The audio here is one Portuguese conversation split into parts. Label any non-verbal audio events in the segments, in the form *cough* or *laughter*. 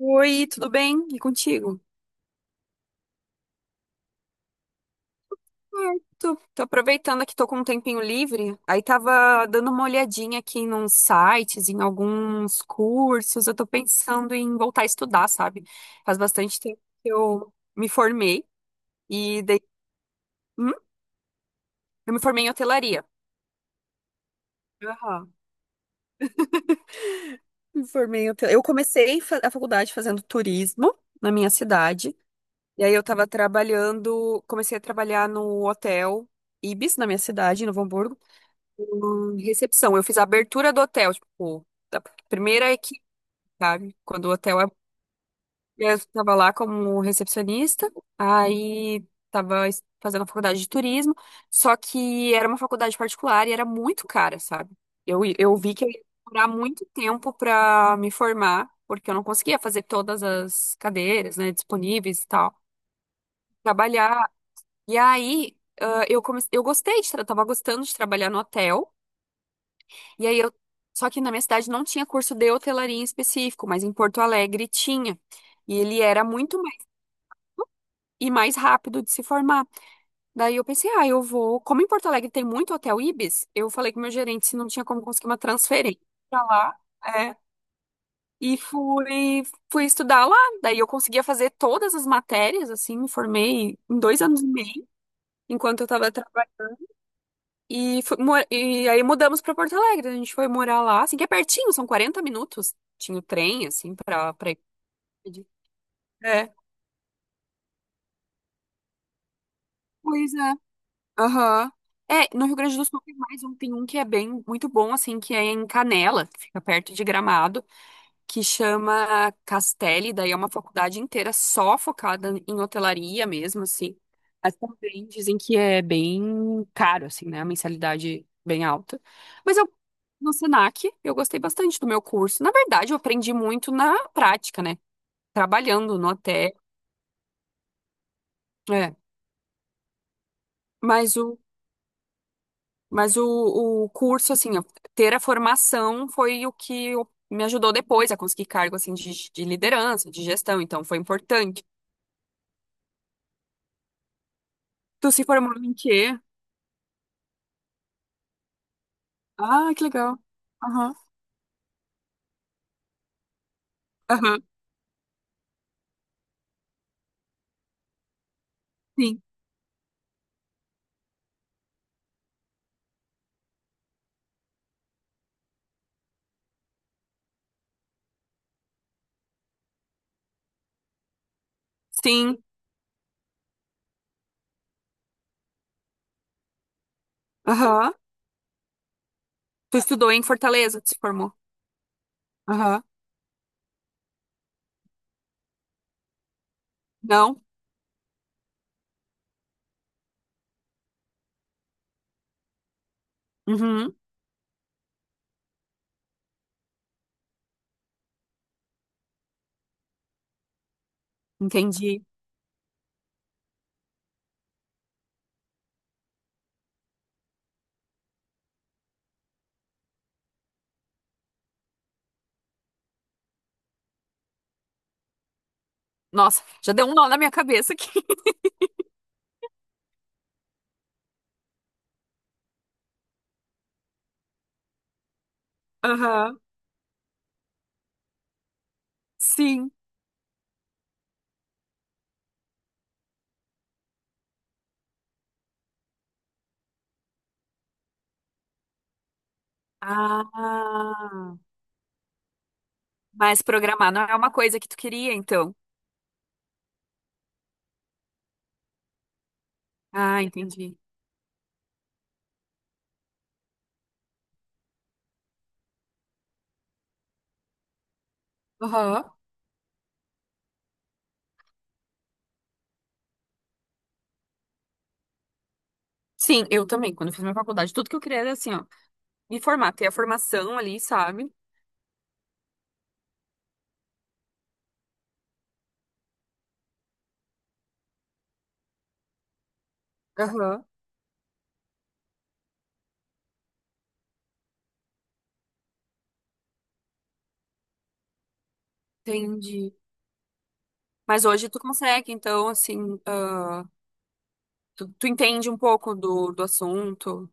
Oi, tudo bem? E contigo? É, tô aproveitando aqui, tô com um tempinho livre. Aí tava dando uma olhadinha aqui nos sites, em alguns cursos. Eu tô pensando em voltar a estudar, sabe? Faz bastante tempo que eu me formei. e dei... Hum? Eu me formei em hotelaria. Aham. Me formei em hotel... Eu comecei a faculdade fazendo turismo na minha cidade. E aí eu tava trabalhando, comecei a trabalhar no hotel Ibis, na minha cidade, em Novo Hamburgo. Recepção, eu fiz a abertura do hotel, tipo, da primeira equipe, sabe? Quando o hotel ab- eu tava lá como recepcionista, aí tava fazendo a faculdade de turismo, só que era uma faculdade particular e era muito cara, sabe? Eu vi que eu ia demorar muito tempo pra me formar, porque eu não conseguia fazer todas as cadeiras, né, disponíveis e tal, trabalhar. E aí, eu comecei, eu gostei de, tava gostando de trabalhar no hotel. E aí eu. Só que na minha cidade não tinha curso de hotelaria em específico, mas em Porto Alegre tinha. E ele era muito mais, e mais rápido de se formar. Daí eu pensei, eu vou. Como em Porto Alegre tem muito hotel Ibis, eu falei com o meu gerente se não tinha como conseguir uma transferência pra lá. É. E fui estudar lá. Daí eu conseguia fazer todas as matérias, assim, me formei em 2 anos e meio, enquanto eu estava. E aí mudamos pra Porto Alegre. A gente foi morar lá, assim, que é pertinho, são 40 minutos. Tinha o trem, assim, pra ir. É. Pois é. Aham. É, no Rio Grande do Sul tem mais um, tem um que é bem, muito bom, assim, que é em Canela, que fica perto de Gramado. Que chama Castelli, daí é uma faculdade inteira só focada em hotelaria mesmo, assim. Mas também dizem que é bem caro, assim, né? A mensalidade bem alta. Mas eu, no Senac, eu gostei bastante do meu curso. Na verdade, eu aprendi muito na prática, né? Trabalhando no hotel. É, mas o, mas o curso, assim, ter a formação foi o que me ajudou depois a conseguir cargo, assim, de liderança, de gestão. Então, foi importante. Tu se formou em quê? Ah, que legal. Aham. Aham. Sim. Sim. Aham. Tu estudou em Fortaleza, tu se formou. Aham. Não? Uhum. Entendi. Nossa, já deu um nó na minha cabeça aqui. *laughs* Aham. Sim. Ah. Mas programar não é uma coisa que tu queria, então. Ah, entendi. Aham. Sim, eu também. Quando eu fiz minha faculdade, tudo que eu queria era assim, ó, me formar, ter a formação ali, sabe? Aham. Entendi. Mas hoje tu consegue, então, assim. Tu entende um pouco do assunto?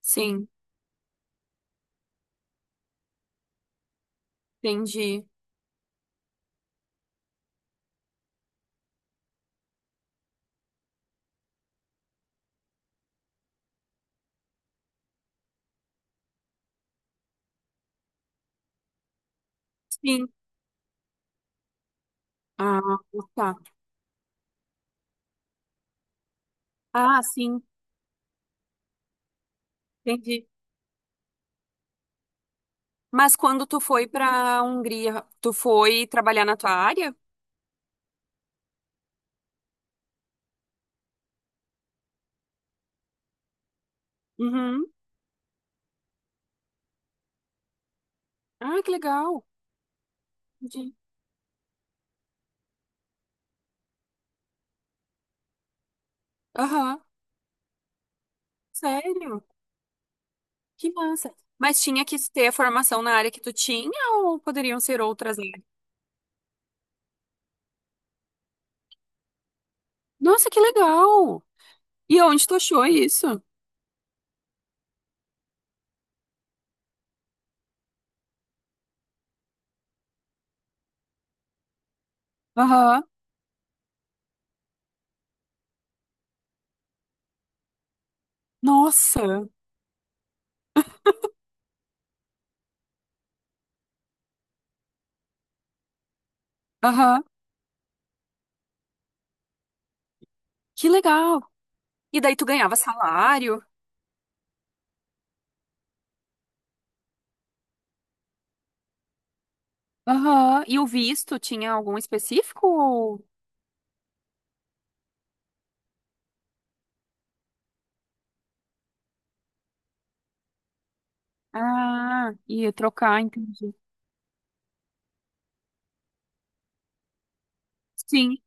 Sim, entendi. Sim. Ah, tá. Ah, sim, entendi. Mas quando tu foi pra Hungria, tu foi trabalhar na tua área? Uhum. Ah, que legal. Entendi. Aham. Sério? Que massa. Mas tinha que ter a formação na área que tu tinha ou poderiam ser outras áreas? Nossa, que legal! E onde tu achou isso? Aham. Nossa. Aham. Que legal. E daí tu ganhava salário? Aham. E o visto tinha algum específico? Ah, ia trocar, entendi. Sim,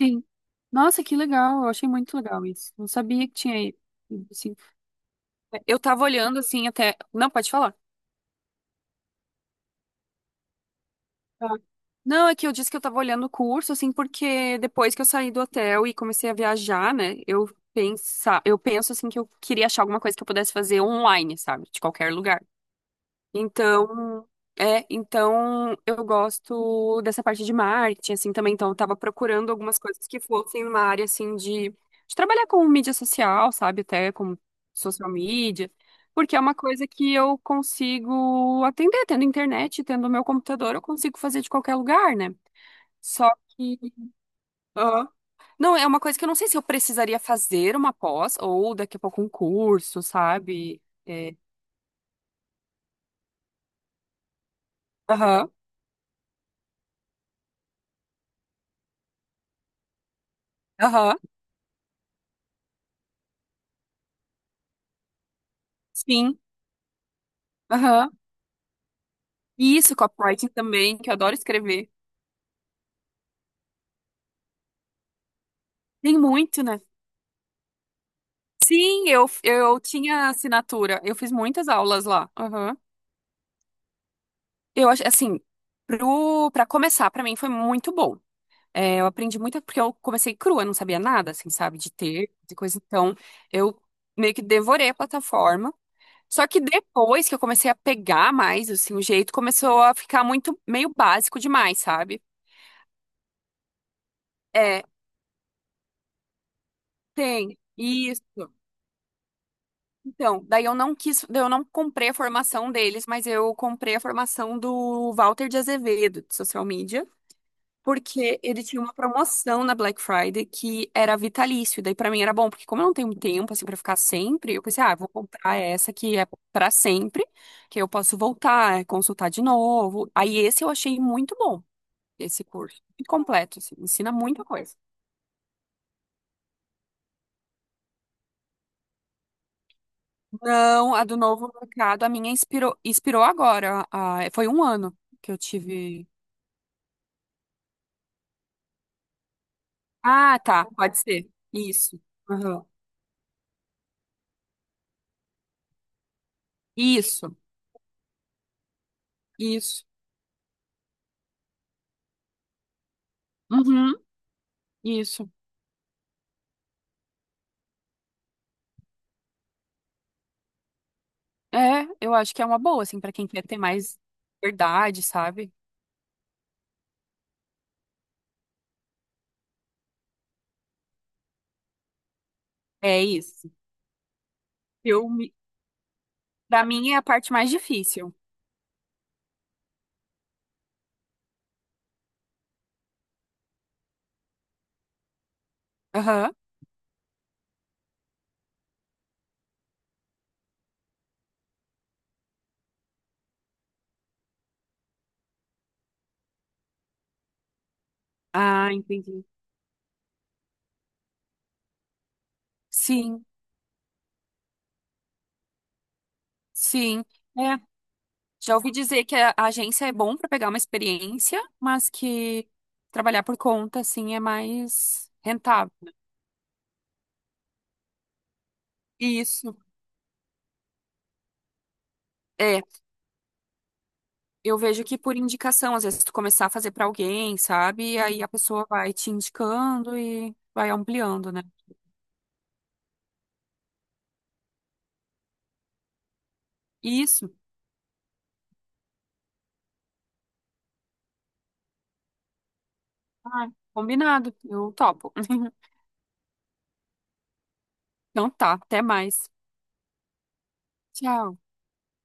sim. Nossa, que legal. Eu achei muito legal isso. Não sabia que tinha isso, assim. Eu tava olhando assim até. Não, pode falar. Tá. Não, é que eu disse que eu tava olhando o curso, assim, porque depois que eu saí do hotel e comecei a viajar, né? Eu penso assim que eu queria achar alguma coisa que eu pudesse fazer online, sabe? De qualquer lugar. Então, é, então eu gosto dessa parte de marketing, assim, também. Então, eu tava procurando algumas coisas que fossem uma área, assim, de trabalhar com mídia social, sabe? Até com social media, porque é uma coisa que eu consigo atender, tendo internet, tendo meu computador, eu consigo fazer de qualquer lugar, né? Só que. Aham. Não, é uma coisa que eu não sei se eu precisaria fazer uma pós ou daqui a pouco um curso, sabe? É, aham, aham, sim. Aham. E isso, copywriting também, que eu adoro escrever. Tem muito, né? Sim, eu tinha assinatura. Eu fiz muitas aulas lá. Aham. Eu acho, assim, pra começar, pra mim foi muito bom. É, eu aprendi muito porque eu comecei crua, eu não sabia nada, assim, sabe, de ter, de coisa. Então, eu meio que devorei a plataforma. Só que depois que eu comecei a pegar mais, assim, o jeito começou a ficar muito meio básico demais, sabe? É, tem. Isso. Então, daí eu não quis, daí eu não comprei a formação deles, mas eu comprei a formação do Walter de Azevedo, de social media, porque ele tinha uma promoção na Black Friday que era vitalício. Daí pra mim era bom, porque como eu não tenho tempo assim para ficar sempre, eu pensei, eu vou comprar essa que é pra sempre, que eu posso voltar, consultar de novo. Aí esse eu achei muito bom, esse curso. E completo, assim, ensina muita coisa. Não, a do novo mercado, a minha inspirou, agora. Foi um ano que eu tive. Ah, tá, pode ser. Isso. Aham. Isso, isso. Uhum, isso. É, eu acho que é uma boa, assim, pra quem quer ter mais verdade, sabe? É isso. Filme, pra mim, é a parte mais difícil. Aham. Ah, entendi. Sim, sim. É. Já ouvi dizer que a agência é bom pra pegar uma experiência, mas que trabalhar por conta, assim, é mais rentável. Isso. É, eu vejo que por indicação, às vezes tu começar a fazer pra alguém, sabe? E aí a pessoa vai te indicando e vai ampliando, né? Isso. Ah, combinado. Eu topo. *laughs* Então tá, até mais. Tchau.